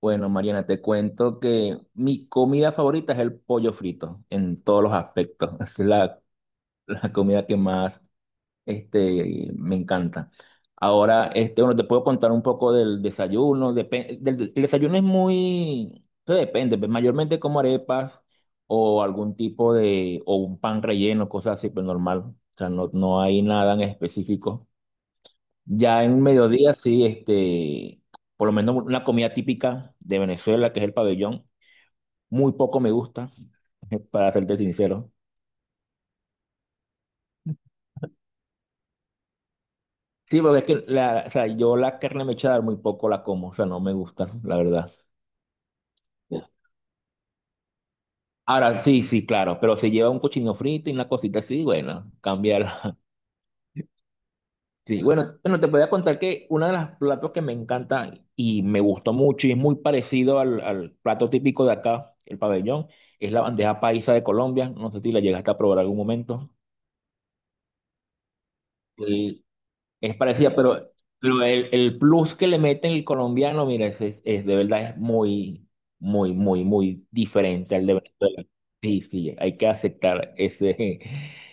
Bueno, Mariana, te cuento que mi comida favorita es el pollo frito en todos los aspectos. Es la, la comida que más me encanta. Ahora, te puedo contar un poco del desayuno. El desayuno es muy, eso depende, pues, mayormente como arepas o algún tipo de, o un pan relleno, cosas así, pero normal. O sea, no, no hay nada en específico. Ya en mediodía, sí, por lo menos una comida típica de Venezuela, que es el pabellón, muy poco me gusta, para serte sincero. Sí, porque es que la, o sea, yo la carne mechada muy poco la como, o sea, no me gusta, la verdad. Ahora, sí, sí, claro, pero si lleva un cochino frito y una cosita así, bueno, cambiar. Sí, bueno, bueno, te podía contar que uno de los platos que me encanta y me gustó mucho y es muy parecido al, al plato típico de acá, el pabellón, es la bandeja paisa de Colombia. No sé si la llegaste a probar algún momento. Y es parecida, pero el plus que le meten el colombiano, mira, es de verdad es muy, muy, muy, muy diferente al de Venezuela. Sí, sí, hay que aceptar ese,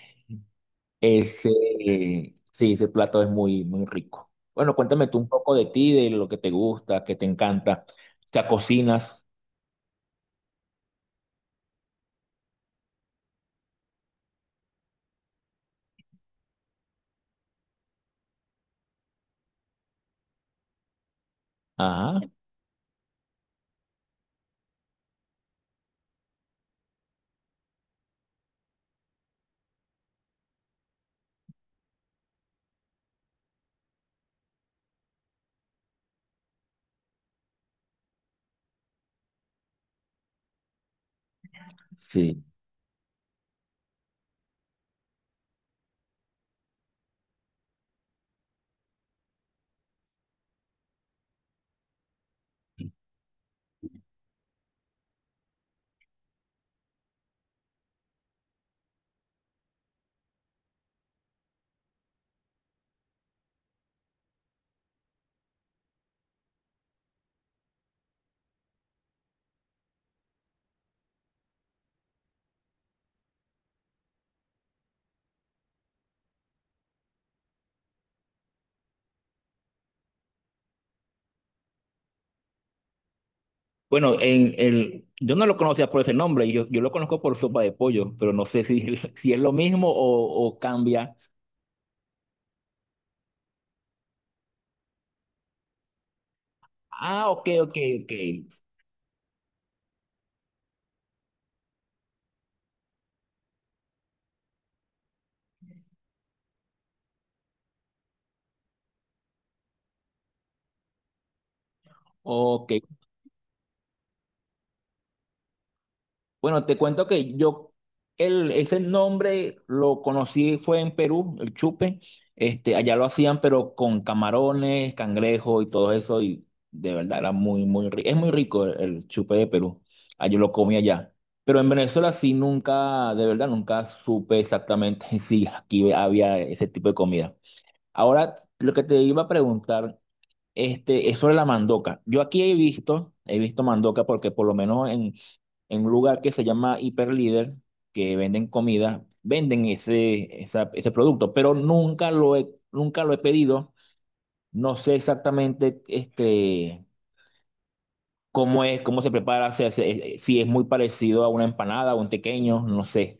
ese, sí, ese plato es muy, muy rico. Bueno, cuéntame tú un poco de ti, de lo que te gusta, que te encanta. O sea, cocinas. Ajá, sí. Bueno, en el, yo no lo conocía por ese nombre, yo lo conozco por sopa de pollo, pero no sé si, si es lo mismo o cambia. Ah, ok, ok, ok. Ok, bueno, te cuento que yo, el, ese nombre lo conocí, fue en Perú, el chupe. Allá lo hacían, pero con camarones, cangrejo y todo eso. Y de verdad era muy, muy rico. Es muy rico el chupe de Perú. Ah, yo lo comí allá. Pero en Venezuela sí nunca, de verdad, nunca supe exactamente si aquí había ese tipo de comida. Ahora, lo que te iba a preguntar es sobre la mandoca. Yo aquí he visto mandoca porque por lo menos en un lugar que se llama Hiperlíder, que venden comida, venden ese, ese producto, pero nunca lo he, nunca lo he pedido. No sé exactamente cómo es, cómo se prepara, o sea, si es muy parecido a una empanada o un tequeño, no sé.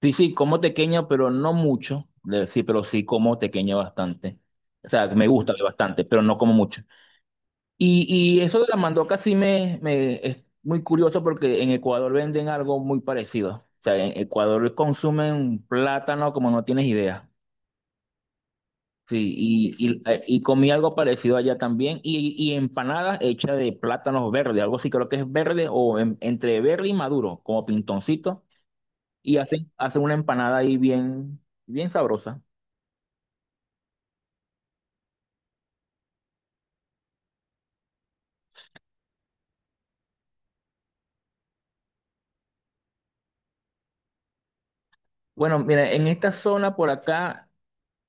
Sí, sí, como tequeño, pero no mucho. Sí, pero sí como tequeño bastante. O sea, me gusta bastante, pero no como mucho. Y, y eso de la mandoca sí me es muy curioso porque en Ecuador venden algo muy parecido. O sea, en Ecuador consumen plátano como no tienes idea. Sí, y comí algo parecido allá también. Y empanadas hechas de plátanos verdes, algo así creo que es verde o entre verde y maduro, como pintoncito. Y hacen, hacen una empanada ahí bien, bien sabrosa. Bueno, mira, en esta zona por acá.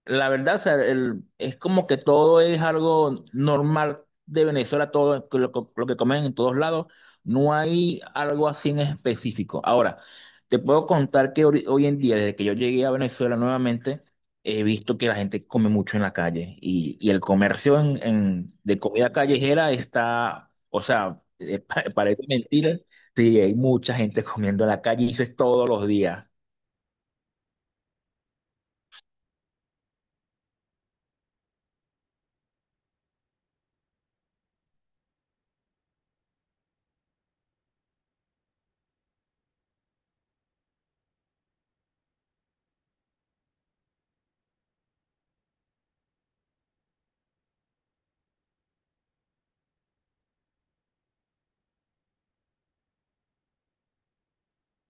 La verdad, o sea, es como que todo es algo normal de Venezuela, todo es lo que comen en todos lados. No hay algo así en específico. Ahora, te puedo contar que hoy en día, desde que yo llegué a Venezuela nuevamente, he visto que la gente come mucho en la calle y el comercio en, de comida callejera está, o sea, parece mentira. Sí, hay mucha gente comiendo en la calle y eso es todos los días.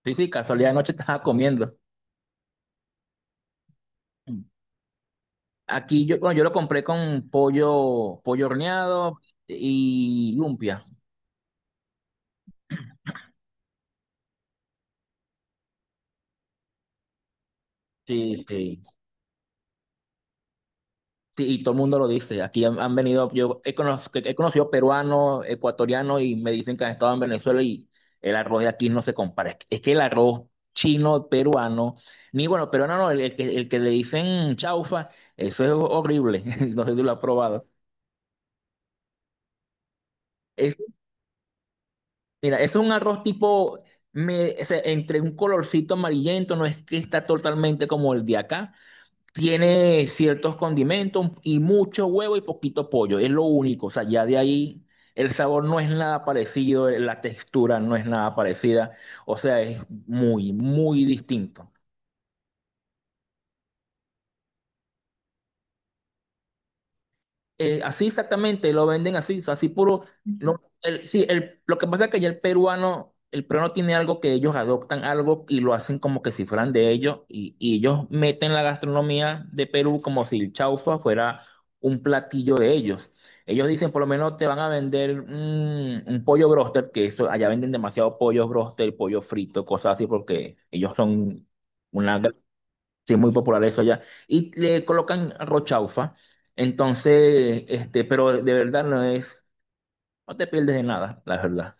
Sí, sí, casualidad, anoche estaba comiendo. Aquí yo, bueno, yo lo compré con pollo, pollo horneado y lumpia. Sí, sí. Sí, y todo el mundo lo dice. Aquí han, han venido, yo he, he conocido peruanos, ecuatorianos y me dicen que han estado en Venezuela y el arroz de aquí no se compara. Es que el arroz chino, peruano, ni bueno, peruano no, el que le dicen chaufa, eso es horrible. No sé si lo has probado. Es, mira, es un arroz tipo, me, o sea, entre un colorcito amarillento, no es que está totalmente como el de acá. Tiene ciertos condimentos y mucho huevo y poquito pollo, es lo único. O sea, ya de ahí el sabor no es nada parecido, la textura no es nada parecida. O sea, es muy, muy distinto. Así exactamente, lo venden así, o sea, así puro. No, sí, el, lo que pasa es que ya el peruano tiene algo que ellos adoptan algo y lo hacen como que si fueran de ellos, y ellos meten la gastronomía de Perú como si el chaufa fuera un platillo de ellos. Ellos dicen, por lo menos te van a vender un pollo broster, que eso, allá venden demasiado pollo broster, pollo frito, cosas así, porque ellos son una. Sí, es muy popular eso allá. Y le colocan rochaufa. Entonces, pero de verdad no es, no te pierdes de nada, la verdad.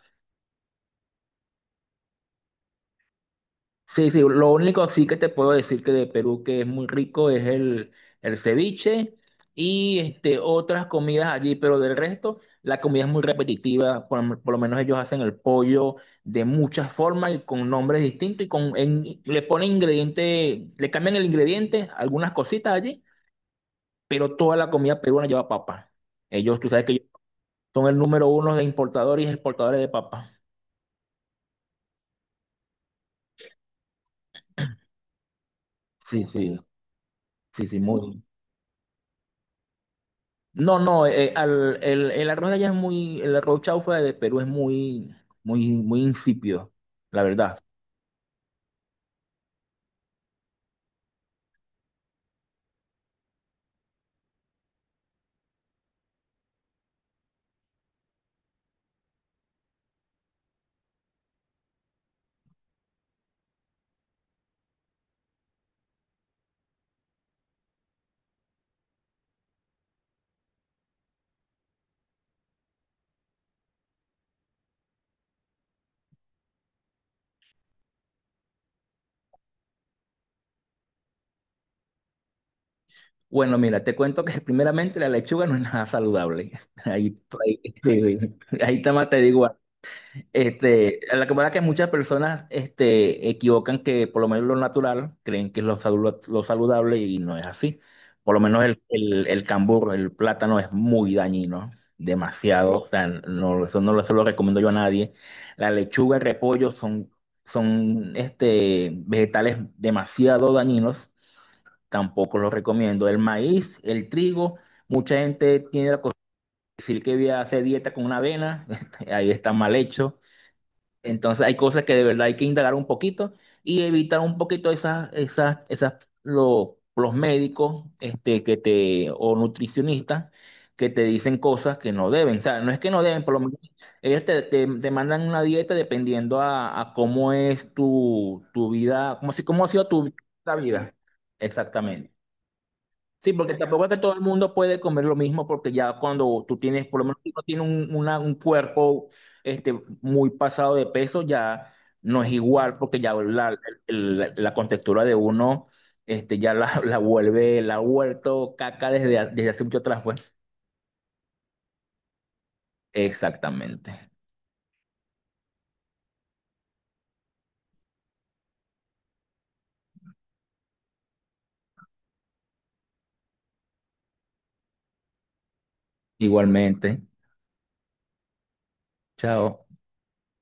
Sí, sí, lo único sí que te puedo decir que de Perú que es muy rico es el ceviche y otras comidas allí, pero del resto la comida es muy repetitiva, por lo menos ellos hacen el pollo de muchas formas y con nombres distintos y con, le ponen ingredientes, le cambian el ingrediente, algunas cositas allí pero toda la comida peruana lleva papa. Ellos, tú sabes que ellos son el número uno de importadores y exportadores de papa. Sí, sí, sí, sí, muy. No, no, el arroz de allá es muy, el arroz chaufa de Perú es muy, muy, muy insípido, la verdad. Bueno, mira, te cuento que primeramente la lechuga no es nada saludable. Ahí, ahí, sí, sí. Ahí está, más te digo. La que pasa es que muchas personas equivocan que por lo menos lo natural creen que es lo, lo saludable y no es así. Por lo menos el cambur, el plátano es muy dañino, demasiado. O sea, no, eso no se lo recomiendo yo a nadie. La lechuga, el repollo son, son vegetales demasiado dañinos, tampoco los recomiendo. El maíz, el trigo, mucha gente tiene la costumbre de decir que voy a hacer dieta con una avena, ahí está mal hecho. Entonces hay cosas que de verdad hay que indagar un poquito y evitar un poquito esas, esas, esas, los médicos, que te, o nutricionistas que te dicen cosas que no deben. O sea, no es que no deben, por lo menos ellos te, te, te mandan una dieta dependiendo a cómo es tu, tu vida, como si, cómo ha sido tu, tu vida. Exactamente. Sí, porque tampoco es que todo el mundo puede comer lo mismo, porque ya cuando tú tienes, por lo menos si uno tiene un, un cuerpo este, muy pasado de peso, ya no es igual, porque ya la, la contextura de uno ya la vuelve, la ha vuelto caca desde, desde hace mucho atrás, pues. Exactamente. Igualmente. Chao.